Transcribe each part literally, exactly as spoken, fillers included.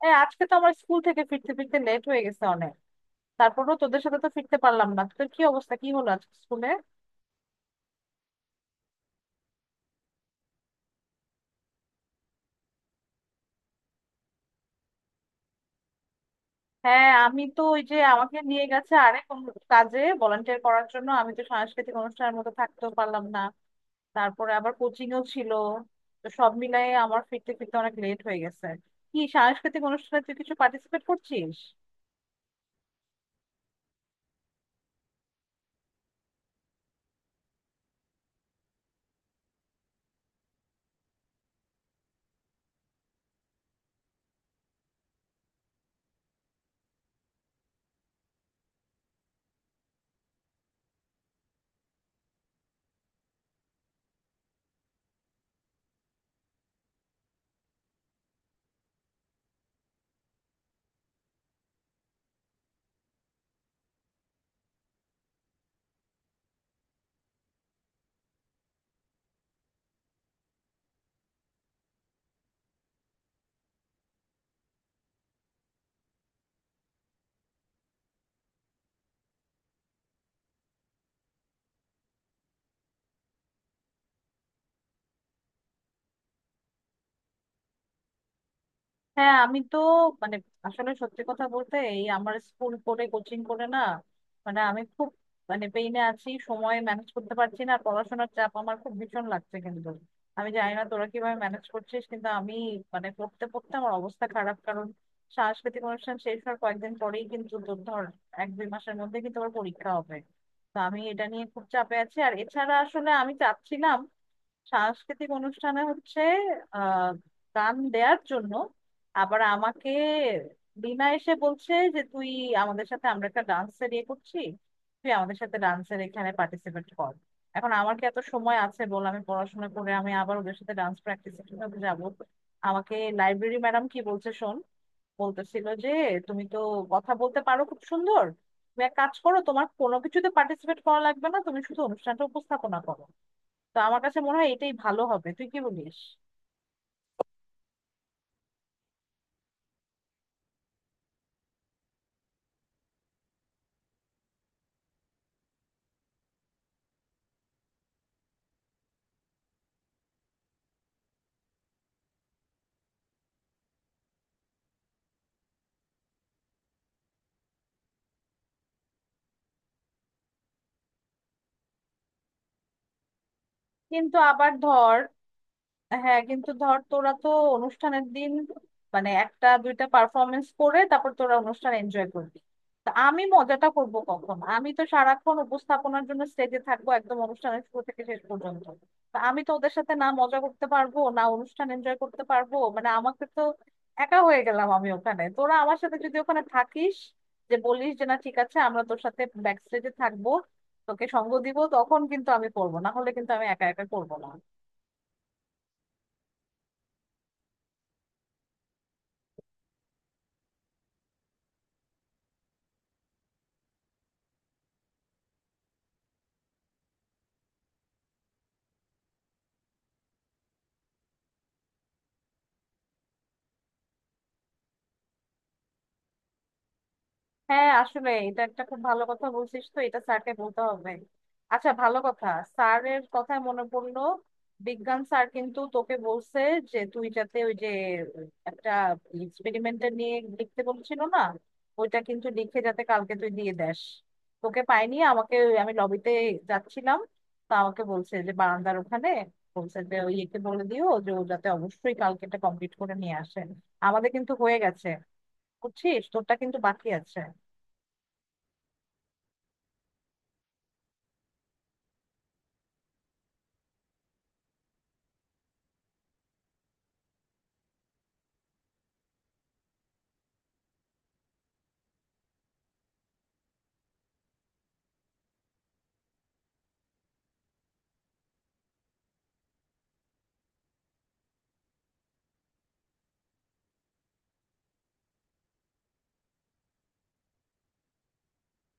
হ্যাঁ, আজকে তো আমার স্কুল থেকে ফিরতে ফিরতে লেট হয়ে গেছে অনেক। তারপরও তোদের সাথে তো ফিরতে পারলাম না। তোদের কি অবস্থা, কি হলো আজকে স্কুলে? হ্যাঁ, আমি তো ওই যে আমাকে নিয়ে গেছে আরেক অন্য কাজে ভলান্টিয়ার করার জন্য, আমি তো সাংস্কৃতিক অনুষ্ঠানের মতো থাকতেও পারলাম না। তারপরে আবার কোচিংও ছিল। তো সব মিলাই আমার ফিরতে ফিরতে অনেক লেট হয়ে গেছে। কি, সাংস্কৃতিক অনুষ্ঠানে তুই কিছু পার্টিসিপেট করছিস? হ্যাঁ, আমি তো, মানে, আসলে সত্যি কথা বলতে এই আমার স্কুল করে কোচিং করে না। মানে আমি খুব, মানে পেইনে আছি, সময় ম্যানেজ করতে পারছি না, আর পড়াশোনার চাপ আমার খুব ভীষণ লাগছে, কিন্তু আমি জানি না তোরা কিভাবে ম্যানেজ করছিস। কিন্তু আমি, মানে, পড়তে পড়তে আমার অবস্থা খারাপ, কারণ সাংস্কৃতিক অনুষ্ঠান শেষ হওয়ার কয়েকদিন পরেই কিন্তু তোর ধর এক দুই মাসের মধ্যে কিন্তু আমার পরীক্ষা হবে। তো আমি এটা নিয়ে খুব চাপে আছি। আর এছাড়া আসলে আমি চাচ্ছিলাম সাংস্কৃতিক অনুষ্ঠানে হচ্ছে আহ গান দেওয়ার জন্য। আবার আমাকে বিনা এসে বলছে যে তুই, আমাদের সাথে আমরা একটা ডান্সের ইয়ে করছি, তুই আমাদের সাথে ডান্সের এখানে পার্টিসিপেট কর। এখন আমার কি এত সময় আছে বল? আমি পড়াশোনা করে আমি আবার ওদের সাথে ডান্স প্র্যাকটিস কিভাবে যাবো? আমাকে লাইব্রেরি ম্যাডাম কি বলছে শোন। বলতেছিল যে তুমি তো কথা বলতে পারো খুব সুন্দর, তুমি এক কাজ করো, তোমার কোনো কিছুতে পার্টিসিপেট করা লাগবে না, তুমি শুধু অনুষ্ঠানটা উপস্থাপনা করো। তো আমার কাছে মনে হয় এটাই ভালো হবে, তুই কি বলিস? কিন্তু আবার ধর, হ্যাঁ, কিন্তু ধর তোরা তো অনুষ্ঠানের দিন মানে একটা দুইটা পারফরমেন্স করে তারপর তোরা অনুষ্ঠান এনজয় করবি। তা আমি মজাটা করব কখন? আমি তো সারাক্ষণ উপস্থাপনার জন্য স্টেজে থাকবো একদম অনুষ্ঠানের শুরু থেকে শেষ পর্যন্ত। তা আমি তো ওদের সাথে না মজা করতে পারবো, না অনুষ্ঠান এনজয় করতে পারবো, মানে আমাকে তো একা হয়ে গেলাম আমি ওখানে। তোরা আমার সাথে যদি ওখানে থাকিস, যে বলিস যে না, ঠিক আছে আমরা তোর সাথে ব্যাক স্টেজে থাকবো, তোকে সঙ্গ দিব, তখন কিন্তু আমি করবো, না হলে কিন্তু আমি একা একা করবো না। হ্যাঁ, আসলে এটা একটা খুব ভালো কথা বলছিস, তো এটা স্যারকে বলতে হবে। আচ্ছা, ভালো কথা, স্যারের কথায় মনে পড়লো, বিজ্ঞান স্যার কিন্তু তোকে বলছে যে তুই যাতে ওই যে একটা এক্সপেরিমেন্টটা নিয়ে লিখতে বলছিল না, ওইটা কিন্তু লিখে যাতে কালকে তুই দিয়ে দেস। তোকে পাইনি, আমাকে ওই- আমি লবিতে যাচ্ছিলাম, তা আমাকে বলছে যে বারান্দার ওখানে, বলছে যে ওই একে বলে দিও যে ও যাতে অবশ্যই কালকে এটা কমপ্লিট করে নিয়ে আসে। আমাদের কিন্তু হয়ে গেছে, বুঝছিস, তোরটা কিন্তু বাকি আছে।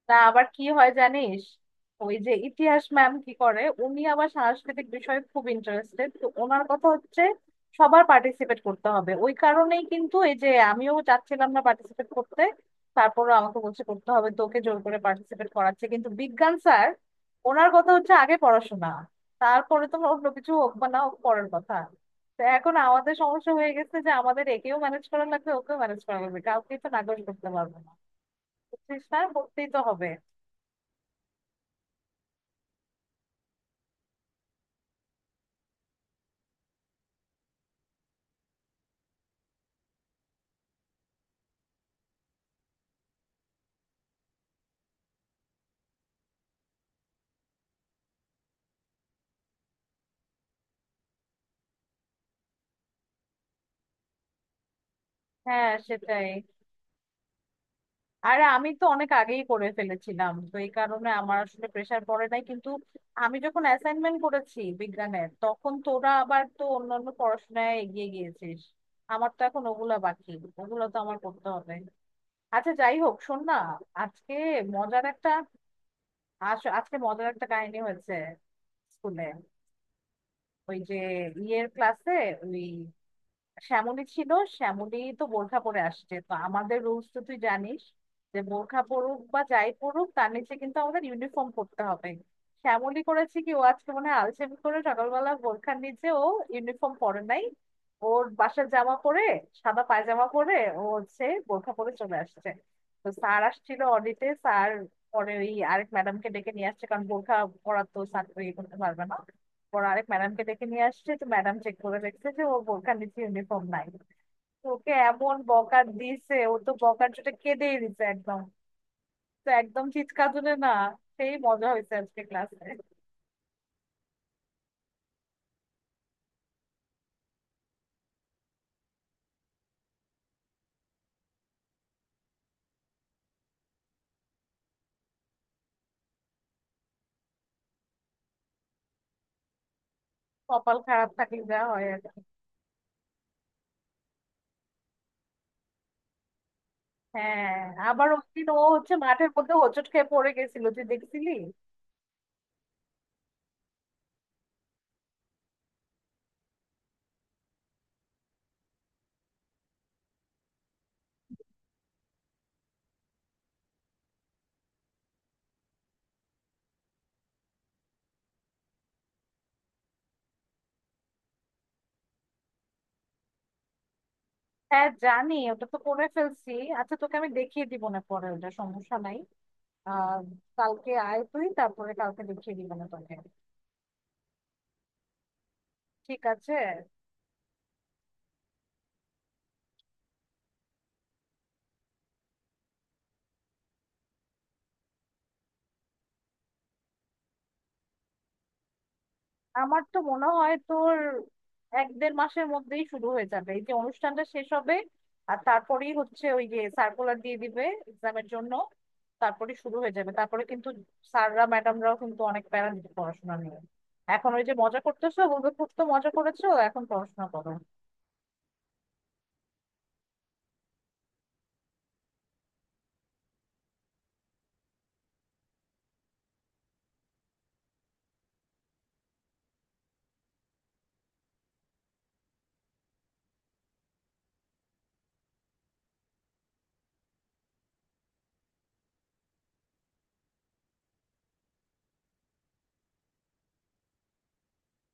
না, আবার কি হয় জানিস, ওই যে ইতিহাস ম্যাম কি করে, উনি আবার সাংস্কৃতিক বিষয়ে খুব ইন্টারেস্টেড, তো ওনার কথা হচ্ছে সবার পার্টিসিপেট করতে হবে। ওই কারণেই কিন্তু এই যে, আমিও চাচ্ছিলাম না পার্টিসিপেট করতে, তারপরে আমাকে বলছে করতে হবে, তোকে জোর করে পার্টিসিপেট করাচ্ছে। কিন্তু বিজ্ঞান স্যার, ওনার কথা হচ্ছে আগে পড়াশোনা, তারপরে তোমার অন্য কিছু হোক বা না হোক পরের কথা। তো এখন আমাদের সমস্যা হয়ে গেছে যে আমাদের একেও ম্যানেজ করা লাগবে, ওকেও ম্যানেজ করা লাগবে, কাউকেই তো নাকচ করতে পারবো না। বুঝছিস, না করতেই তো হবে। হ্যাঁ সেটাই। আর আমি তো অনেক আগেই করে ফেলেছিলাম, তো এই কারণে আমার আসলে প্রেসার পড়ে নাই। কিন্তু আমি যখন অ্যাসাইনমেন্ট করেছি বিজ্ঞানের, তখন তোরা আবার তো অন্যান্য পড়াশোনায় এগিয়ে গিয়েছিস। আমার তো এখন ওগুলা বাকি, ওগুলো তো আমার করতে হবে। আচ্ছা যাই হোক, শোন না, আজকে মজার একটা আস- আজকে মজার একটা কাহিনী হয়েছে স্কুলে। ওই যে ইয়ের ক্লাসে, ওই শ্যামলী ছিল, শ্যামলী তো বোরখা পরে আসছে। তো আমাদের রুলস তো তুই জানিস যে বোরখা পরুক বা যাই পরুক তার নিচে কিন্তু আমাদের ইউনিফর্ম পরতে হবে। শ্যামলী করেছে কি, ও আজকে মনে হয় আলসেমি করে সকালবেলা বোরখার নিচে ও ইউনিফর্ম পরে নাই, ওর বাসার জামা পরে, সাদা পায়জামা পরে ও হচ্ছে বোরখা পরে চলে আসছে। তো স্যার আসছিল অডিটে, স্যার পরে ওই আরেক ম্যাডামকে ডেকে নিয়ে আসছে, কারণ বোরখা পরা তো স্যার ইয়ে করতে পারবে না। ওর আরেক ম্যাডামকে ডেকে নিয়ে আসছে, তো ম্যাডাম চেক করে দেখছে যে ও বোরখার নিচে ইউনিফর্ম নাই। তো ওকে এমন বকা দিছে, ও তো বকার জন্য কেঁদেই দিছে একদম, তো একদম চিৎকার তুলে না, সেই মজা হয়েছে আজকে ক্লাসে। কপাল খারাপ থাকলে যা হয় আর কি। হ্যাঁ, আবার ওই দিন ও হচ্ছে মাঠের মধ্যে হোঁচট খেয়ে পড়ে গেছিল, তুই দেখছিলি। হ্যাঁ জানি, ওটা তো করে ফেলছি। আচ্ছা, তোকে আমি দেখিয়ে দিব না পরে, ওটা সমস্যা নাই। আহ কালকে আয় তুই, তারপরে কালকে দেখিয়ে দিব না তোকে। ঠিক আছে। আমার তো মনে হয় তোর এক দেড় মাসের মধ্যেই শুরু হয়ে যাবে। এই যে অনুষ্ঠানটা শেষ হবে, আর তারপরেই হচ্ছে ওই যে সার্কুলার দিয়ে দিবে এক্সামের জন্য, তারপরে শুরু হয়ে যাবে। তারপরে কিন্তু স্যাররা, ম্যাডামরাও কিন্তু অনেক প্যারা দিতে পড়াশোনা নিয়ে। এখন ওই যে মজা করতেছো, বলবে খুব তো মজা করেছো, এখন পড়াশোনা করো।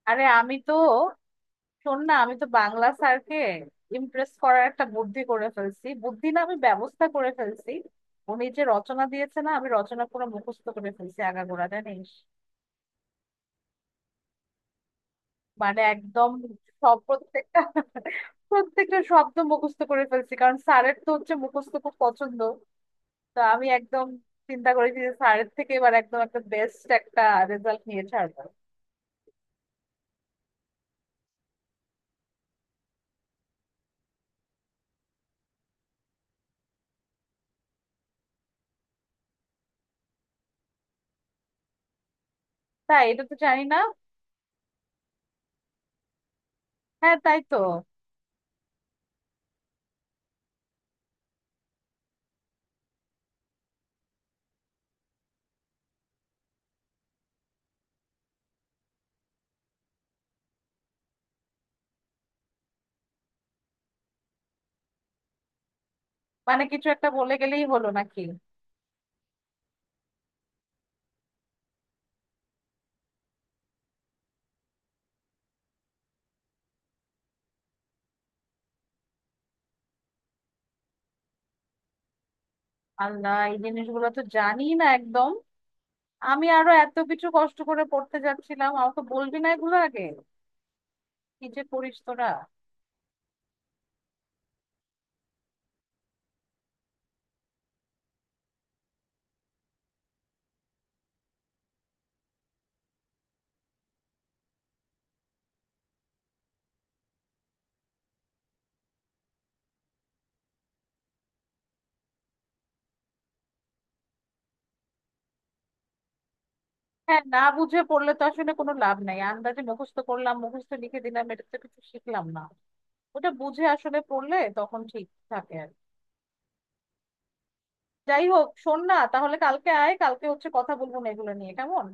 আরে আমি তো, শোন না, আমি তো বাংলা স্যারকে ইমপ্রেস করার একটা বুদ্ধি করে ফেলছি, বুদ্ধি না, আমি ব্যবস্থা করে ফেলছি। উনি যে রচনা দিয়েছে না, আমি রচনা পুরো মুখস্থ করে ফেলছি আগাগোড়া, জানিস, মানে একদম সব প্রত্যেকটা প্রত্যেকটা শব্দ মুখস্থ করে ফেলছি, কারণ স্যারের তো হচ্ছে মুখস্থ খুব পছন্দ। তো আমি একদম চিন্তা করেছি যে স্যারের থেকে এবার একদম একটা বেস্ট একটা রেজাল্ট নিয়ে ছাড়বো। তাই, এটা তো জানি না। হ্যাঁ তাই তো, মানে কিছু একটা বলে গেলেই হলো নাকি? আল্লাহ, এই জিনিসগুলো তো জানি না একদম, আমি আরো এত কিছু কষ্ট করে পড়তে যাচ্ছিলাম, আমাকে বলবি না এগুলো আগে, কি যে করিস তোরা। হ্যাঁ, না বুঝে পড়লে তো আসলে কোনো লাভ নাই, আন্দাজে মুখস্থ করলাম, মুখস্থ লিখে দিলাম, এটা তো কিছু শিখলাম না। ওটা বুঝে আসলে পড়লে তখন ঠিক থাকে আর কি। যাই হোক, শোন না, তাহলে কালকে আয়, কালকে হচ্ছে কথা বলবো না এগুলো নিয়ে, কেমন?